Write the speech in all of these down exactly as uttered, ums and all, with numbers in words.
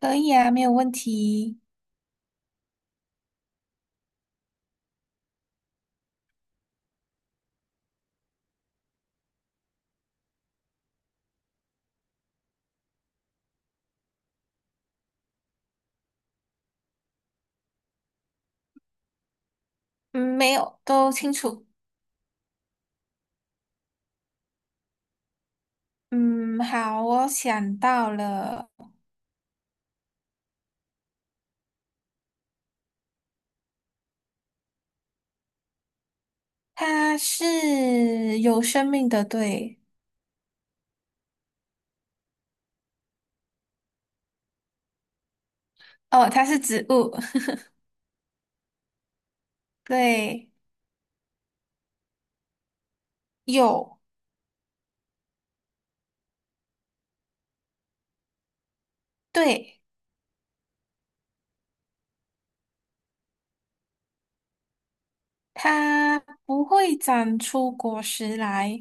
可以啊，没有问题。嗯，没有，都清楚。嗯，好，我想到了，它是有生命的，对。哦，它是植物，对，有，对，它不会长出果实来，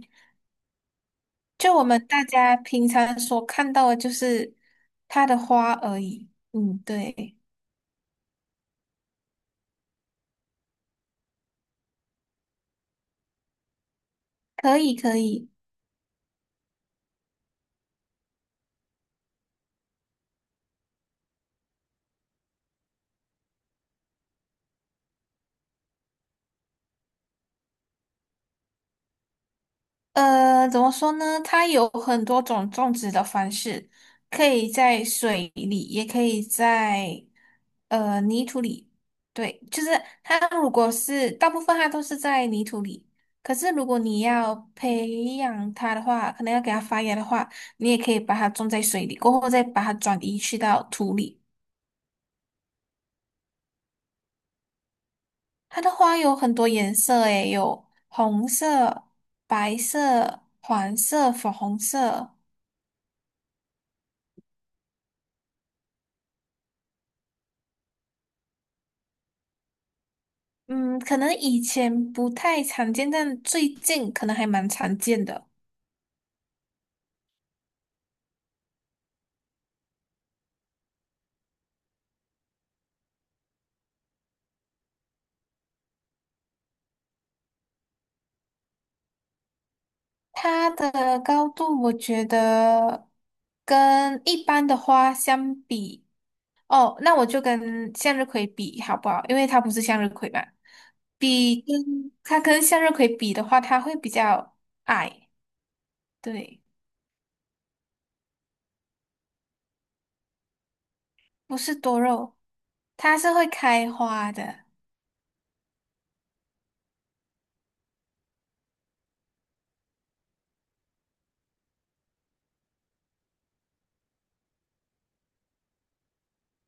就我们大家平常所看到的，就是它的花而已。嗯，对，可以，可以。呃，怎么说呢？它有很多种种植的方式，可以在水里，也可以在呃泥土里。对，就是它如果是大部分它都是在泥土里，可是如果你要培养它的话，可能要给它发芽的话，你也可以把它种在水里，过后再把它转移去到土里。它的花有很多颜色，诶，有红色、白色、黄色、粉红色。嗯，可能以前不太常见，但最近可能还蛮常见的。它的高度，我觉得跟一般的花相比，哦，那我就跟向日葵比好不好？因为它不是向日葵嘛，比跟它跟向日葵比的话，它会比较矮，对，不是多肉，它是会开花的，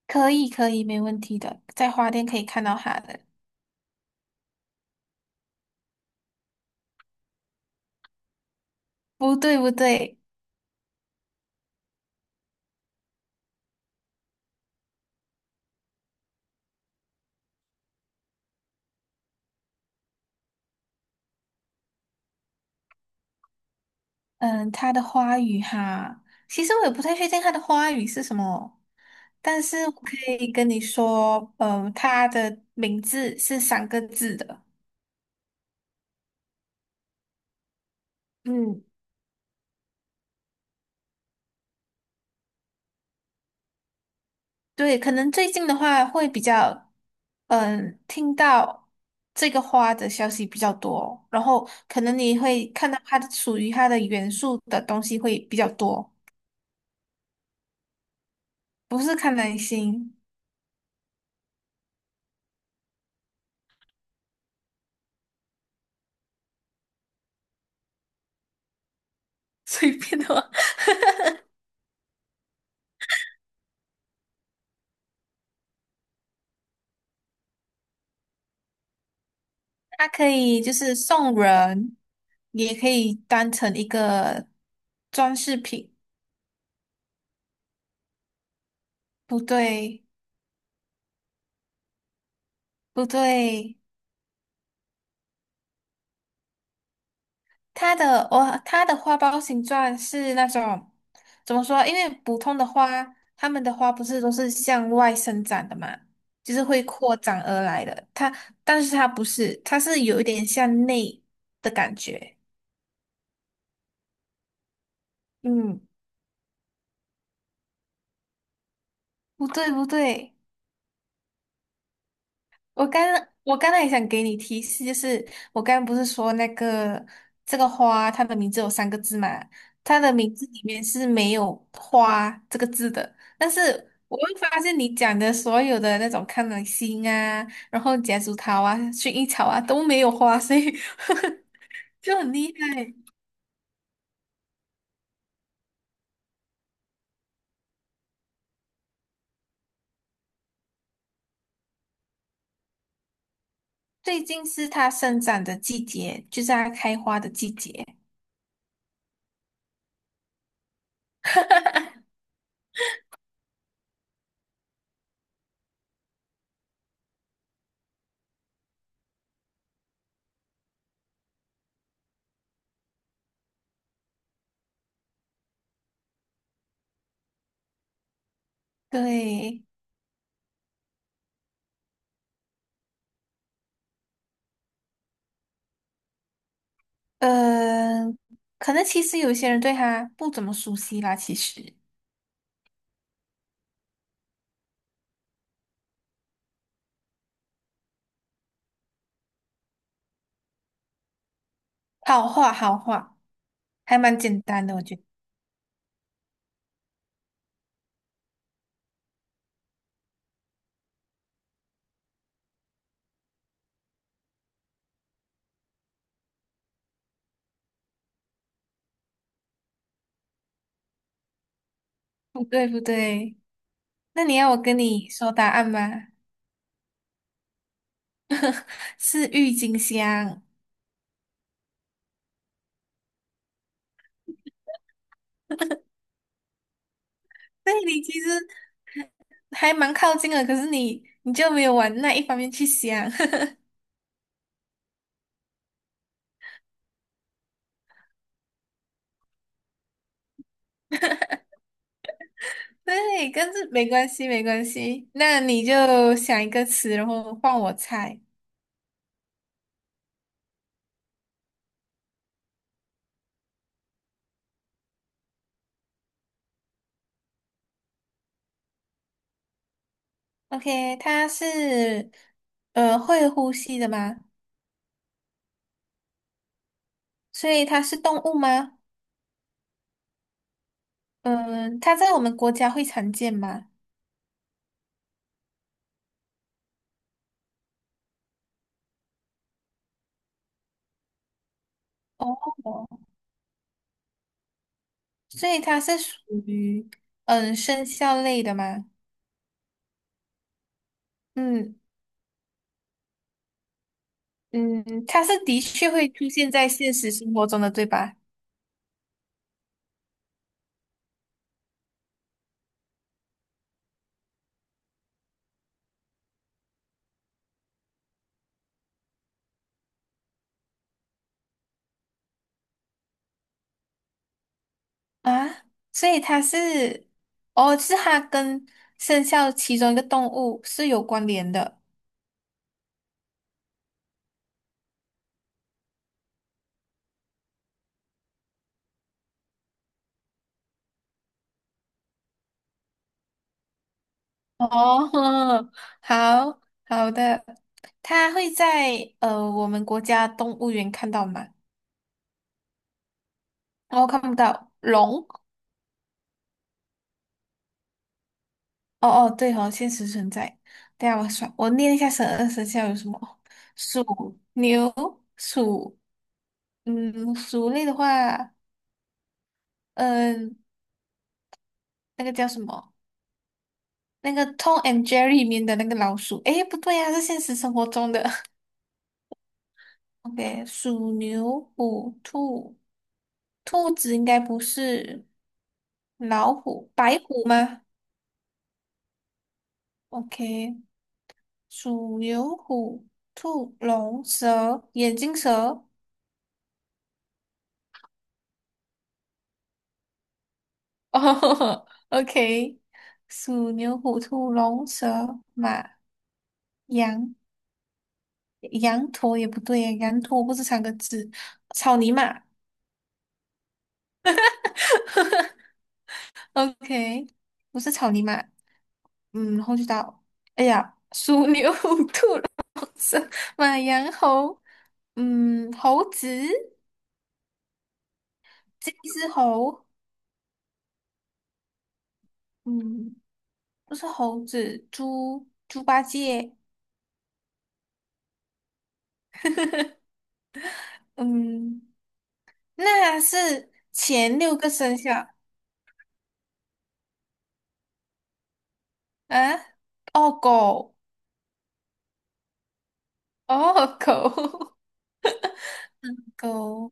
可以可以，没问题的，在花店可以看到它的。不对不对。嗯，它的花语哈，其实我也不太确定它的花语是什么，但是我可以跟你说，嗯，它的名字是三个字的。嗯，对，可能最近的话会比较，嗯，听到这个花的消息比较多，然后可能你会看到它的属于它的元素的东西会比较多，不是看男星，随便的话它可以就是送人，也可以当成一个装饰品。不对，不对，它的哦，它的花苞形状是那种怎么说？因为普通的花，它们的花不是都是向外生长的嘛，就是会扩展而来的。它，但是它不是，它是有一点向内的感觉。嗯，不对，不对。我刚我刚才也想给你提示，就是我刚刚不是说那个这个花，它的名字有三个字嘛？它的名字里面是没有"花"这个字的。但是我会发现你讲的所有的那种康乃馨啊，然后夹竹桃啊、薰衣草啊都没有花，所以 就很厉害。最近是它生长的季节，就是它开花的季节。对，嗯、可能其实有些人对它不怎么熟悉啦，其实。好画好画，还蛮简单的，我觉得。不对不对，那你要我跟你说答案吗？是郁金香。对，你其实还蛮靠近的，可是你你就没有往那一方面去想。对，但是没关系没关系，那你就想一个词，然后换我猜。OK,它是呃会呼吸的吗？所以它是动物吗？嗯、它在我们国家会常见吗？哦，所以它是属于嗯生肖类的吗？嗯嗯，它是的确会出现在现实生活中的，对吧？啊，所以它是哦，是它跟生肖其中一个动物是有关联的。哦，好好的，它会在呃我们国家动物园看到吗？哦，看不到龙。哦哦，对哦，现实存在。等一下我算，我念一下十二生肖有什么：鼠、牛、鼠，嗯，鼠类的话，嗯、那个叫什么？那个《Tom and Jerry》里面的那个老鼠。诶，不对呀、是现实生活中的。OK,鼠、牛、虎、兔，兔子应该不是老虎，白虎吗？OK,鼠、牛、虎、兔、龙、蛇、眼镜蛇。哦 ，OK,鼠、牛、虎、兔、龙、蛇、马、羊，羊驼也不对耶，羊驼不是三个字，草泥马，OK,不是草泥马，嗯，然后就到，哎呀，鼠、牛、虎、兔、龙、蛇、马、羊、猴，嗯，猴子，这只猴，嗯，不是猴子，猪，猪八戒，嗯，那是前六个生肖。啊，哦，狗，哦，狗，狗，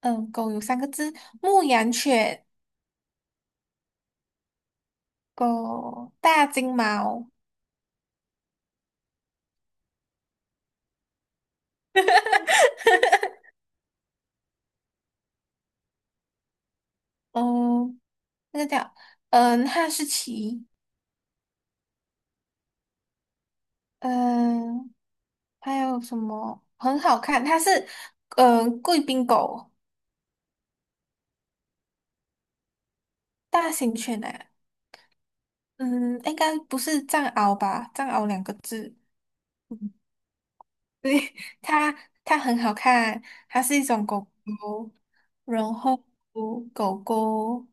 嗯，狗有三个字，牧羊犬，狗，大金毛，嗯，那个叫，嗯，哈士奇，嗯，还有什么很好看？它是，嗯，贵宾狗，大型犬诶，嗯，应该不是藏獒吧？藏獒两个字，对它它很好看，它是一种狗狗，然后狗狗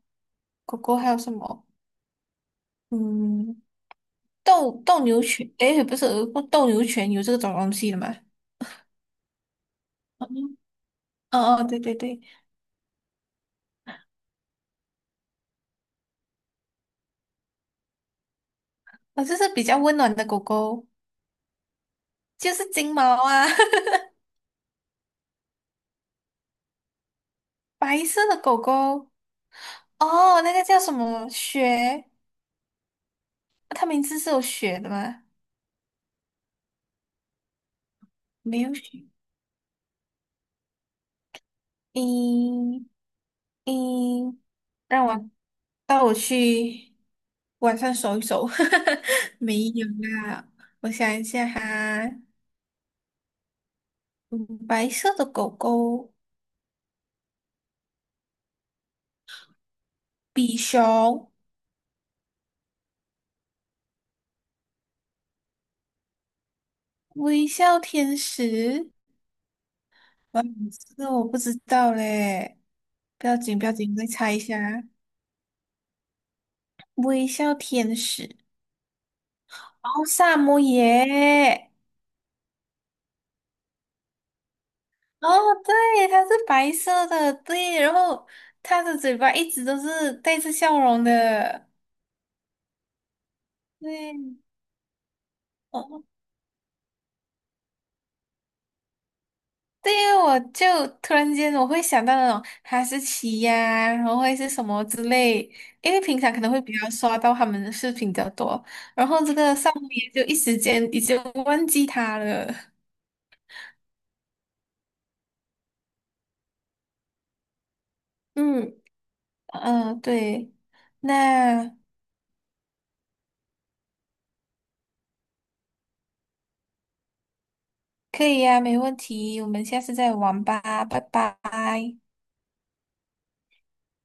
狗狗还有什么？嗯，斗斗牛犬，诶，不是斗牛犬有这种东西的吗？嗯哦，哦对对对，哦，这是比较温暖的狗狗，就是金毛啊，白色的狗狗，哦，那个叫什么雪？它名字是有雪的吗？没有雪，嗯嗯。让我带我去晚上走一走。没有啦，我想一下哈，嗯白色的狗狗，比熊，微笑天使，哇，这个我不知道嘞。不要紧，不要紧，我再猜一下。微笑天使，哦，萨摩耶，哦，对，它是白色的，对，然后它的嘴巴一直都是带着笑容的，对，哦，对呀，我就突然间我会想到那种哈士奇呀、然后会是什么之类，因为平常可能会比较刷到他们的视频比较多，然后这个上面就一时间已经忘记他了。嗯，嗯，对，那可以呀、没问题，我们下次再玩吧，拜拜。